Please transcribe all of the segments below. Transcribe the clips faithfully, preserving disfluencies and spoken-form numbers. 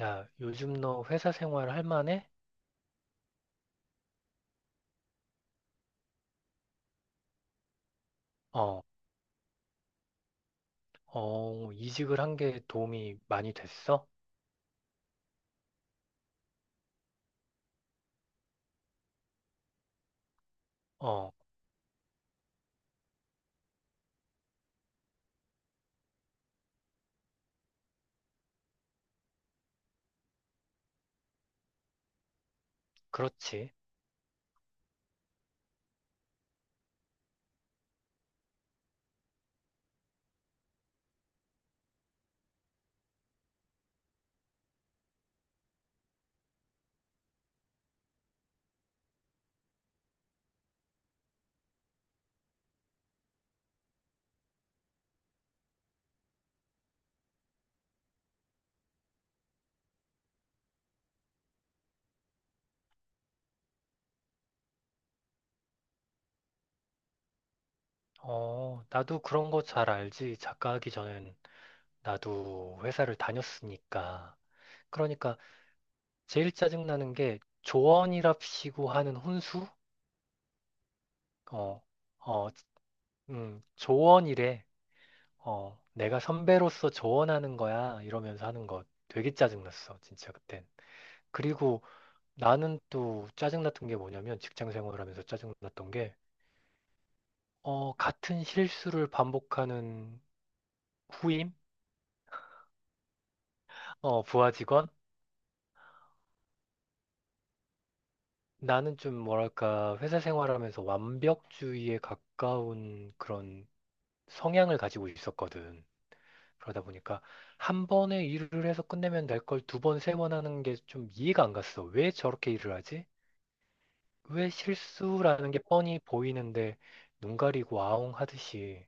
야, 요즘 너 회사 생활 할 만해? 어, 어, 이직을 한 게 도움이 많이 됐어? 어, 그렇지. 어, 나도 그런 거 잘 알지. 작가하기 전엔 나도 회사를 다녔으니까. 그러니까 제일 짜증나는 게 조언이랍시고 하는 혼수? 어, 어, 음, 조언이래. 어, 내가 선배로서 조언하는 거야. 이러면서 하는 거 되게 짜증났어. 진짜 그땐. 그리고 나는 또 짜증났던 게 뭐냐면 직장 생활하면서 짜증났던 게 어, 같은 실수를 반복하는 후임, 어, 부하 직원. 나는 좀 뭐랄까 회사 생활하면서 완벽주의에 가까운 그런 성향을 가지고 있었거든. 그러다 보니까 한 번에 일을 해서 끝내면 될 걸 두 번, 세 번 하는 게 좀 이해가 안 갔어. 왜 저렇게 일을 하지? 왜 실수라는 게 뻔히 보이는데 눈 가리고 아웅 하듯이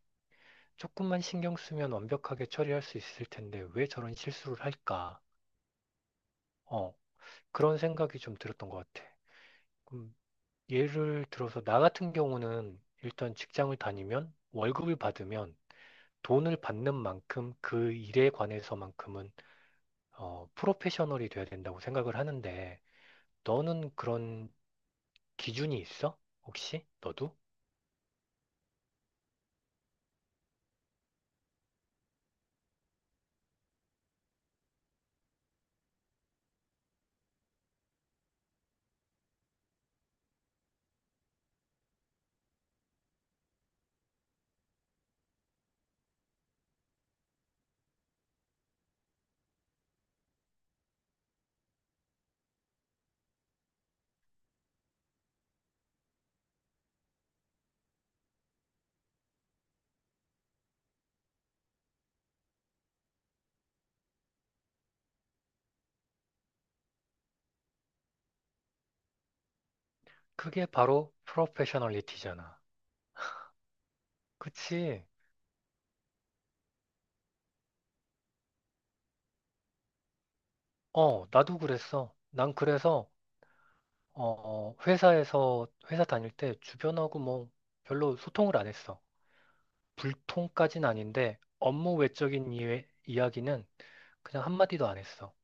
조금만 신경 쓰면 완벽하게 처리할 수 있을 텐데 왜 저런 실수를 할까? 어, 그런 생각이 좀 들었던 것 같아. 그럼 예를 들어서 나 같은 경우는 일단 직장을 다니면 월급을 받으면 돈을 받는 만큼 그 일에 관해서만큼은 어, 프로페셔널이 돼야 된다고 생각을 하는데 너는 그런 기준이 있어? 혹시 너도? 그게 바로 프로페셔널리티잖아. 그치? 어, 나도 그랬어. 난 그래서 어, 어, 회사에서, 회사 다닐 때 주변하고 뭐 별로 소통을 안 했어. 불통까진 아닌데 업무 외적인 이, 이야기는 그냥 한마디도 안 했어.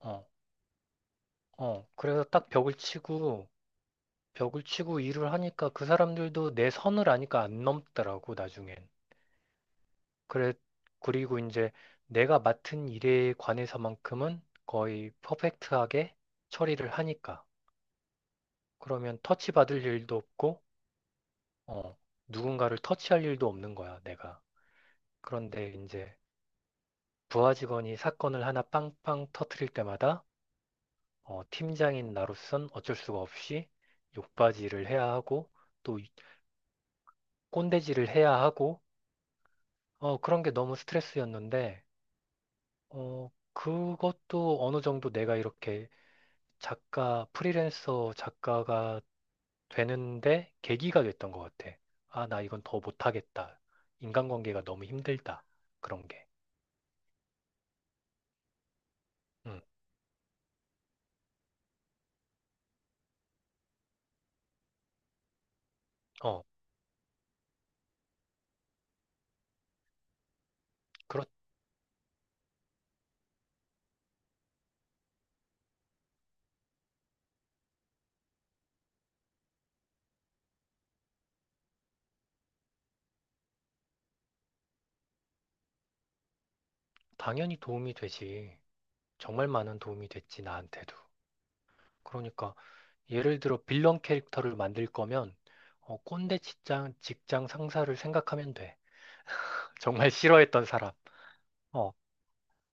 어, 어. 그래서 딱 벽을 치고, 벽을 치고 일을 하니까 그 사람들도 내 선을 아니까 안 넘더라고, 나중엔. 그래, 그리고 이제 내가 맡은 일에 관해서만큼은 거의 퍼펙트하게 처리를 하니까. 그러면 터치 받을 일도 없고, 어, 누군가를 터치할 일도 없는 거야, 내가. 그런데 이제 부하 직원이 사건을 하나 빵빵 터트릴 때마다 어, 팀장인 나로선 어쩔 수가 없이 욕받이를 해야 하고 또 이- 꼰대질을 해야 하고 어, 그런 게 너무 스트레스였는데 어, 그것도 어느 정도 내가 이렇게 작가, 프리랜서 작가가 되는데 계기가 됐던 것 같아. 아, 나 이건 더 못하겠다. 인간관계가 너무 힘들다. 그런 게. 음, 어. 당연히 도움이 되지. 정말 많은 도움이 됐지, 나한테도. 그러니까, 예를 들어, 빌런 캐릭터를 만들 거면, 어, 꼰대 직장, 직장 상사를 생각하면 돼. 정말 싫어했던 사람. 어,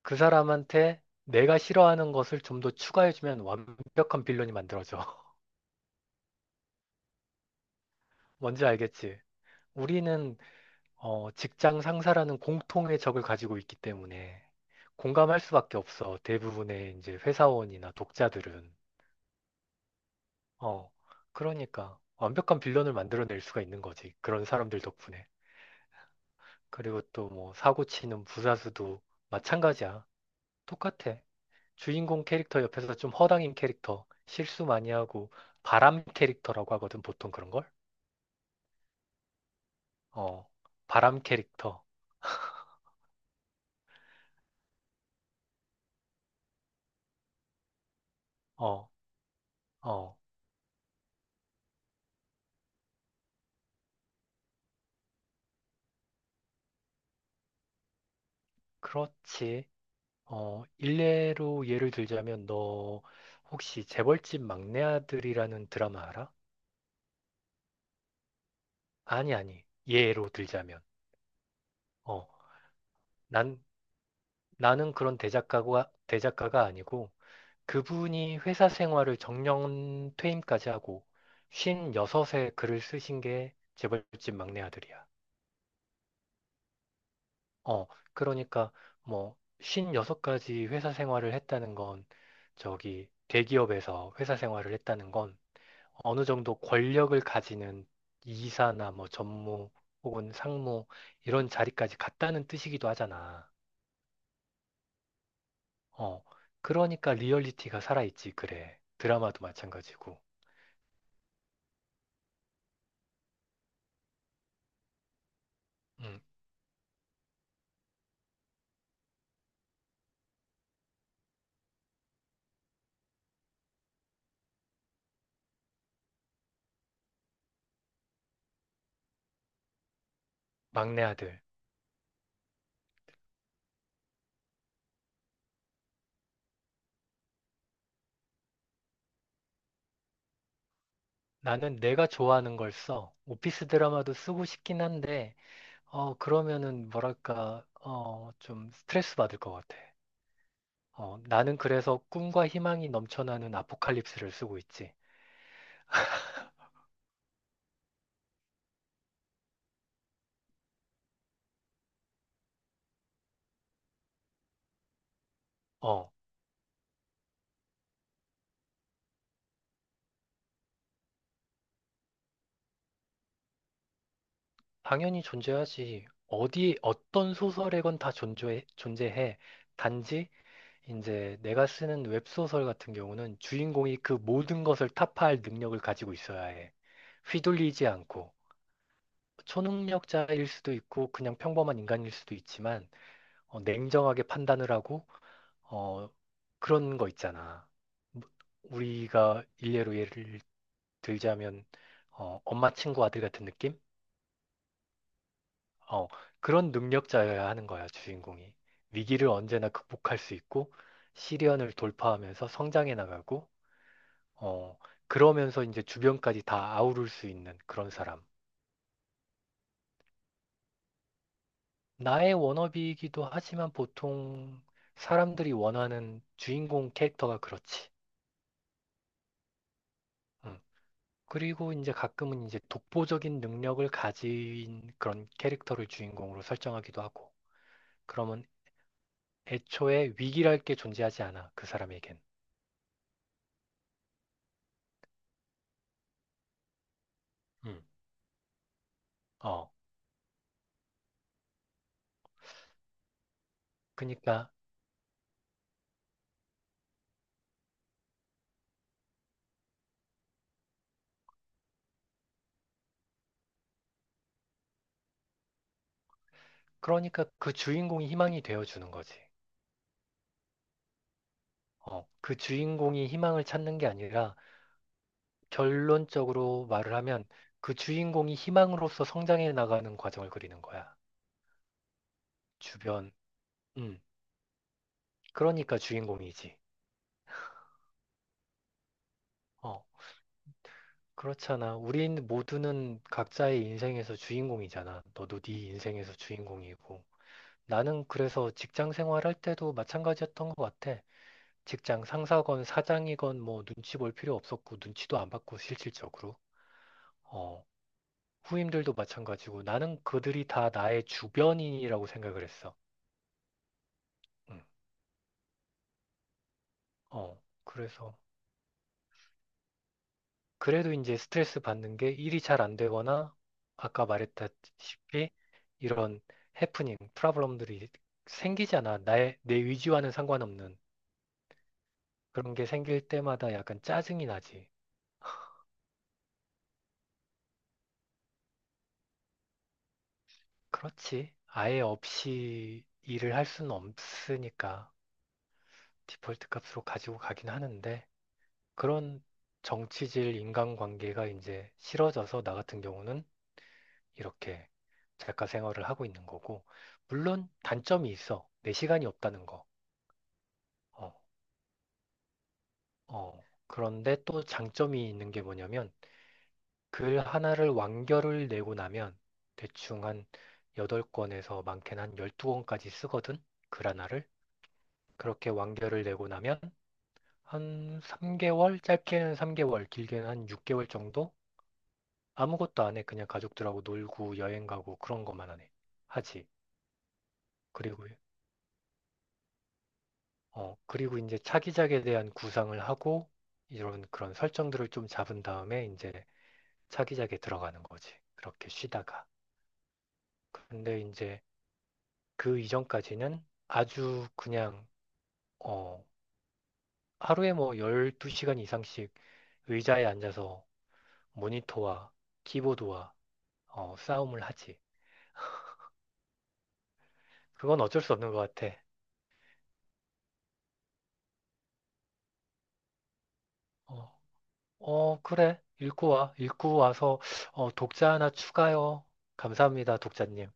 그 사람한테 내가 싫어하는 것을 좀 더 추가해주면 완벽한 빌런이 만들어져. 뭔지 알겠지? 우리는, 어, 직장 상사라는 공통의 적을 가지고 있기 때문에 공감할 수밖에 없어. 대부분의 이제 회사원이나 독자들은. 어, 그러니까 완벽한 빌런을 만들어낼 수가 있는 거지. 그런 사람들 덕분에. 그리고 또 뭐 사고 치는 부사수도 마찬가지야. 똑같아. 주인공 캐릭터 옆에서 좀 허당인 캐릭터, 실수 많이 하고 바람 캐릭터라고 하거든, 보통 그런 걸. 어, 바람 캐릭터. 어, 어, 그렇지. 어, 일례로 예를 들자면 너 혹시 재벌집 막내 아들이라는 드라마 알아? 아니, 아니. 예로 들자면. 어, 난 나는 그런 대작가가, 대작가가 아니고 그분이 회사 생활을 정년 퇴임까지 하고 오십육에 글을 쓰신 게 재벌집 막내 아들이야. 어, 그러니까 뭐 오십육까지 회사 생활을 했다는 건 저기 대기업에서 회사 생활을 했다는 건 어느 정도 권력을 가지는 이사나 뭐 전무 혹은 상무 이런 자리까지 갔다는 뜻이기도 하잖아. 어, 그러니까 리얼리티가 살아있지, 그래. 드라마도 마찬가지고. 음, 막내 아들. 나는 내가 좋아하는 걸 써. 오피스 드라마도 쓰고 싶긴 한데, 어, 그러면은 뭐랄까, 어, 좀 스트레스 받을 것 같아. 어, 나는 그래서 꿈과 희망이 넘쳐나는 아포칼립스를 쓰고 있지. 어, 당연히 존재하지. 어디, 어떤 소설에건 다 존재해, 존재해. 단지 이제 내가 쓰는 웹소설 같은 경우는 주인공이 그 모든 것을 타파할 능력을 가지고 있어야 해. 휘둘리지 않고 초능력자일 수도 있고 그냥 평범한 인간일 수도 있지만 어, 냉정하게 판단을 하고 어, 그런 거 있잖아. 뭐, 우리가 일례로 예를 들자면 어, 엄마 친구 아들 같은 느낌? 어, 그런 능력자여야 하는 거야, 주인공이. 위기를 언제나 극복할 수 있고 시련을 돌파하면서 성장해 나가고 어, 그러면서 이제 주변까지 다 아우를 수 있는 그런 사람. 나의 워너비이기도 하지만 보통 사람들이 원하는 주인공 캐릭터가 그렇지. 음. 그리고 이제 가끔은 이제 독보적인 능력을 가진 그런 캐릭터를 주인공으로 설정하기도 하고. 그러면 애초에 위기랄 게 존재하지 않아, 그 사람에겐. 음. 어, 그러니까, 그러니까 그 주인공이 희망이 되어주는 거지. 어, 그 주인공이 희망을 찾는 게 아니라 결론적으로 말을 하면 그 주인공이 희망으로서 성장해 나가는 과정을 그리는 거야. 주변. 음. 그러니까 주인공이지. 어. 그렇잖아. 우린 모두는 각자의 인생에서 주인공이잖아. 너도 네 인생에서 주인공이고. 나는 그래서 직장 생활할 때도 마찬가지였던 것 같아. 직장 상사건 사장이건 뭐 눈치 볼 필요 없었고 눈치도 안 받고 실질적으로. 어. 후임들도 마찬가지고 나는 그들이 다 나의 주변인이라고 생각을 했어. 음. 어, 그래서 그래도 이제 스트레스 받는 게 일이 잘 안 되거나 아까 말했다시피 이런 해프닝, 프로블럼들이 생기잖아. 나의 내 의지와는 상관없는 그런 게 생길 때마다 약간 짜증이 나지. 그렇지. 아예 없이 일을 할 수는 없으니까 디폴트 값으로 가지고 가긴 하는데 그런 정치질 인간관계가 이제 싫어져서 나 같은 경우는 이렇게 작가 생활을 하고 있는 거고, 물론 단점이 있어. 내 시간이 없다는 거. 어, 어. 그런데 또 장점이 있는 게 뭐냐면, 글 하나를 완결을 내고 나면 대충 한 팔 권에서 많게는 한 십이 권까지 쓰거든. 글 하나를. 그렇게 완결을 내고 나면 한 삼 개월, 짧게는 삼 개월, 길게는 한 육 개월 정도? 아무것도 안 해. 그냥 가족들하고 놀고 여행 가고 그런 것만 하네. 하지. 그리고 어, 그리고 이제 차기작에 대한 구상을 하고 이런 그런 설정들을 좀 잡은 다음에 이제 차기작에 들어가는 거지. 그렇게 쉬다가. 근데 이제 그 이전까지는 아주 그냥 어, 하루에 뭐 열두 시간 이상씩 의자에 앉아서 모니터와 키보드와 어, 싸움을 하지. 그건 어쩔 수 없는 것 같아. 어, 어, 그래. 읽고 와. 읽고 와서 어, 독자 하나 추가요. 감사합니다, 독자님.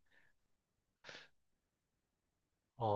어,